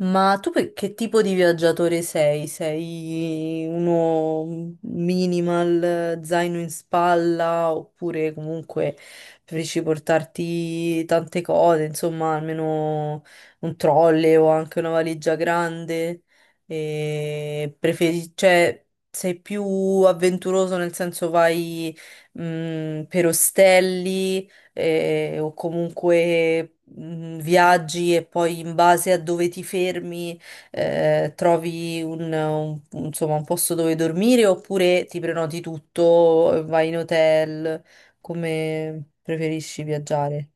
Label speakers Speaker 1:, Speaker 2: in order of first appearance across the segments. Speaker 1: Ma tu che tipo di viaggiatore sei? Sei uno minimal, zaino in spalla, oppure comunque preferisci portarti tante cose, insomma, almeno un trolley o anche una valigia grande? E cioè, sei più avventuroso nel senso vai, per ostelli? O comunque viaggi e poi in base a dove ti fermi, trovi insomma, un posto dove dormire, oppure ti prenoti tutto, vai in hotel. Come preferisci viaggiare?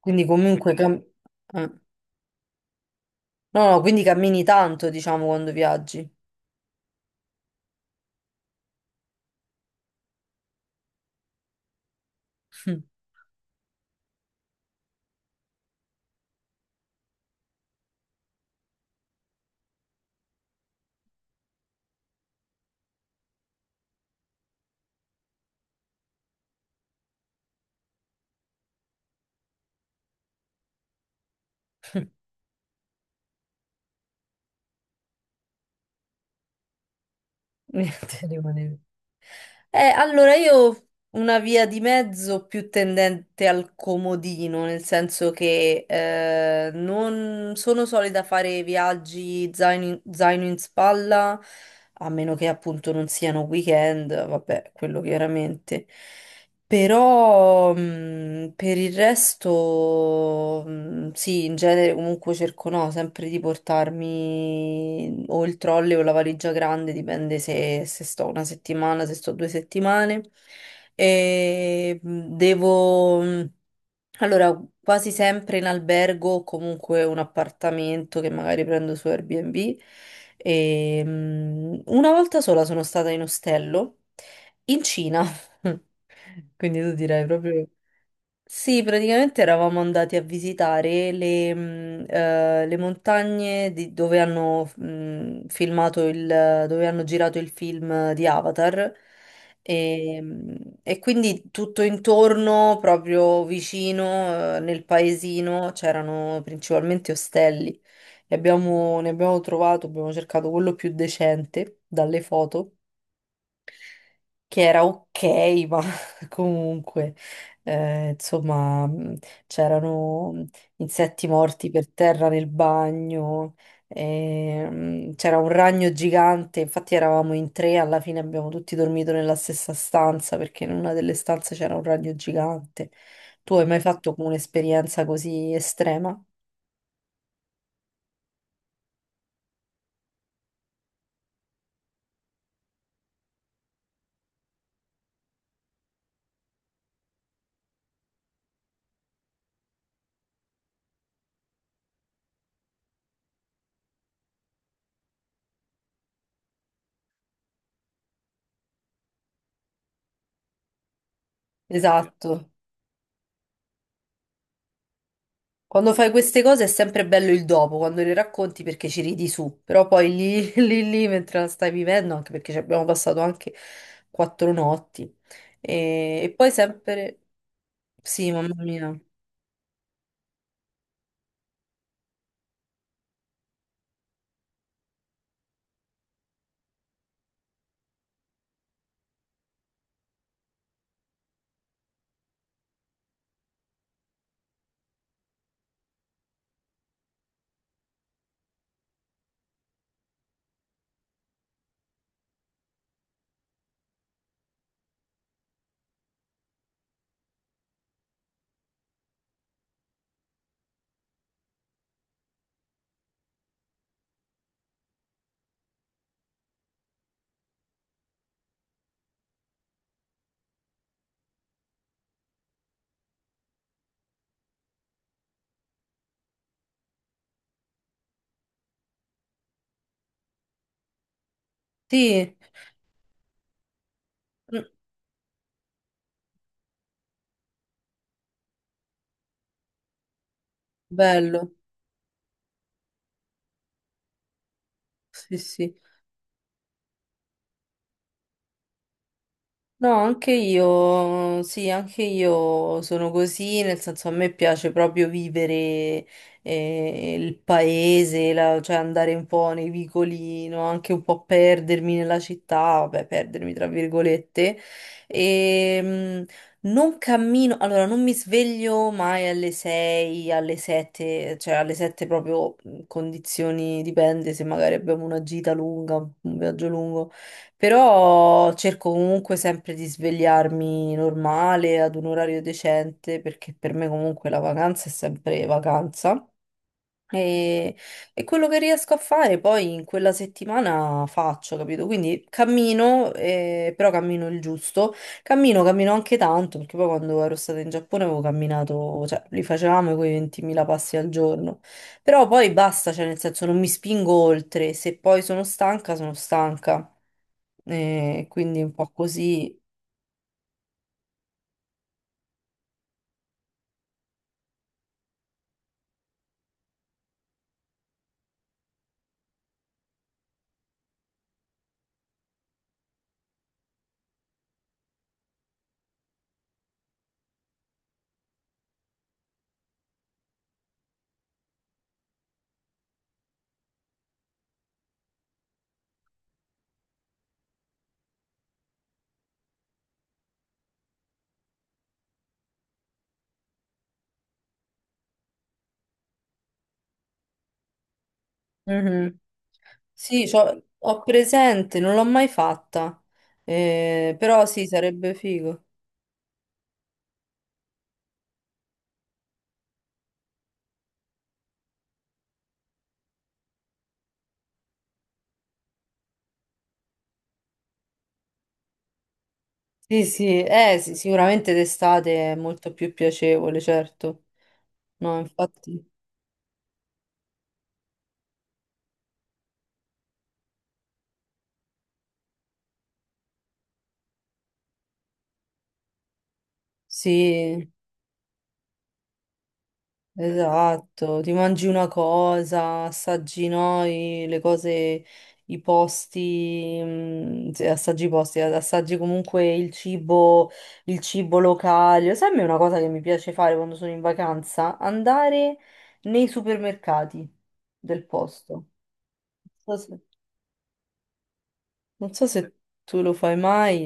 Speaker 1: Quindi comunque Quindi, cam- eh. No, no, quindi cammini tanto, diciamo, quando viaggi. Niente, rimanevi. Allora, io una via di mezzo più tendente al comodino, nel senso che non sono solita fare viaggi zaino in spalla, a meno che appunto non siano weekend, vabbè, quello chiaramente. Però per il resto, sì, in genere comunque cerco, no, sempre di portarmi o il trolley o la valigia grande, dipende se sto una settimana, se sto due settimane. E devo. Mhmm, allora, quasi sempre in albergo o comunque un appartamento che magari prendo su Airbnb. E una volta sola sono stata in ostello in Cina. Quindi tu direi proprio. Sì, praticamente eravamo andati a visitare le montagne dove hanno girato il film di Avatar. E quindi tutto intorno, proprio vicino, nel paesino, c'erano principalmente ostelli, e ne abbiamo trovato, abbiamo cercato quello più decente dalle foto, che era ok, ma comunque, insomma, c'erano insetti morti per terra nel bagno. E c'era un ragno gigante. Infatti eravamo in tre, alla fine abbiamo tutti dormito nella stessa stanza perché in una delle stanze c'era un ragno gigante. Tu hai mai fatto come un'esperienza così estrema? Esatto. Quando fai queste cose è sempre bello il dopo, quando le racconti, perché ci ridi su, però poi lì, lì mentre la stai vivendo, anche perché ci abbiamo passato anche quattro notti. E poi sempre. Sì, mamma mia. Sì, mm, bello. Sì, sì. No, anche io, sì, anche io sono così, nel senso a me piace proprio vivere, il paese, cioè andare un po' nei vicoli, no? Anche un po' perdermi nella città, vabbè, perdermi tra virgolette. E non cammino, allora non mi sveglio mai alle 6, alle 7, cioè alle 7 proprio, condizioni, dipende se magari abbiamo una gita lunga, un viaggio lungo. Però cerco comunque sempre di svegliarmi normale, ad un orario decente, perché per me comunque la vacanza è sempre vacanza. E, e quello che riesco a fare poi in quella settimana faccio, capito? Quindi cammino, però cammino il giusto. Cammino, cammino anche tanto, perché poi quando ero stata in Giappone avevo camminato, cioè li facevamo quei 20.000 passi al giorno. Però poi basta, cioè nel senso non mi spingo oltre, se poi sono stanca, sono stanca. E quindi un po' così. Mhm. Sì, ho presente, non l'ho mai fatta. Però sì, sarebbe figo. Sì, sì, sì, sicuramente d'estate è molto più piacevole, certo. No, infatti, sì. Esatto, ti mangi una cosa, assaggi noi le cose, i posti, se assaggi i posti, assaggi comunque il cibo locale. Sai, a me è una cosa che mi piace fare quando sono in vacanza? Andare nei supermercati del posto. Non so se, non so se tu lo fai mai.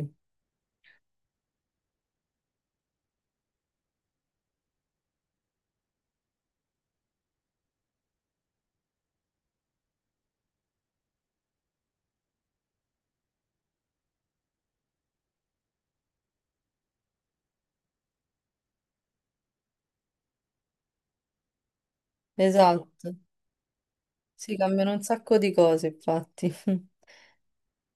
Speaker 1: Esatto, si cambiano un sacco di cose, infatti.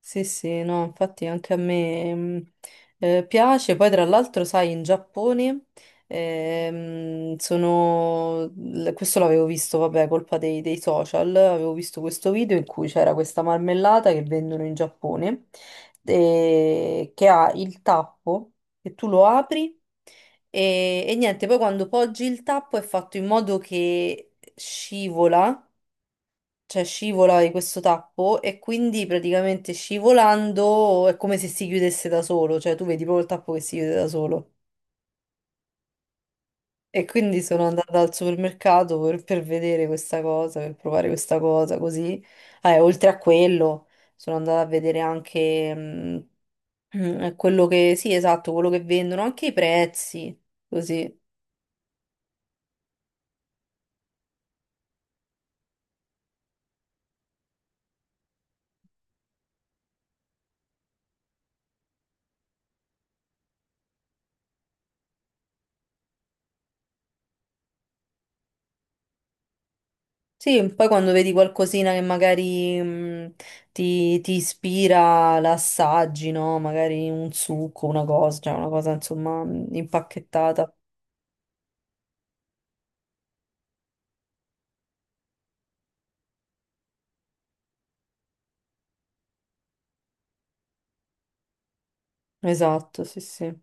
Speaker 1: Sì, sì, no, infatti anche a me, piace. Poi, tra l'altro, sai, in Giappone questo l'avevo visto, vabbè, colpa dei social. Avevo visto questo video in cui c'era questa marmellata che vendono in Giappone, che ha il tappo, che tu lo apri. E niente, poi quando poggi il tappo è fatto in modo che scivola, cioè scivola di questo tappo, e quindi praticamente scivolando è come se si chiudesse da solo, cioè tu vedi proprio il tappo che si chiude da solo. E quindi sono andata al supermercato per vedere questa cosa, per provare questa cosa, così. Ah, e oltre a quello, sono andata a vedere anche quello che, sì, esatto, quello che vendono, anche i prezzi, così. Sì, poi quando vedi qualcosina che magari ti ispira, l'assaggi, no? Magari un succo, una cosa, cioè una cosa insomma, impacchettata. Esatto, sì, sì.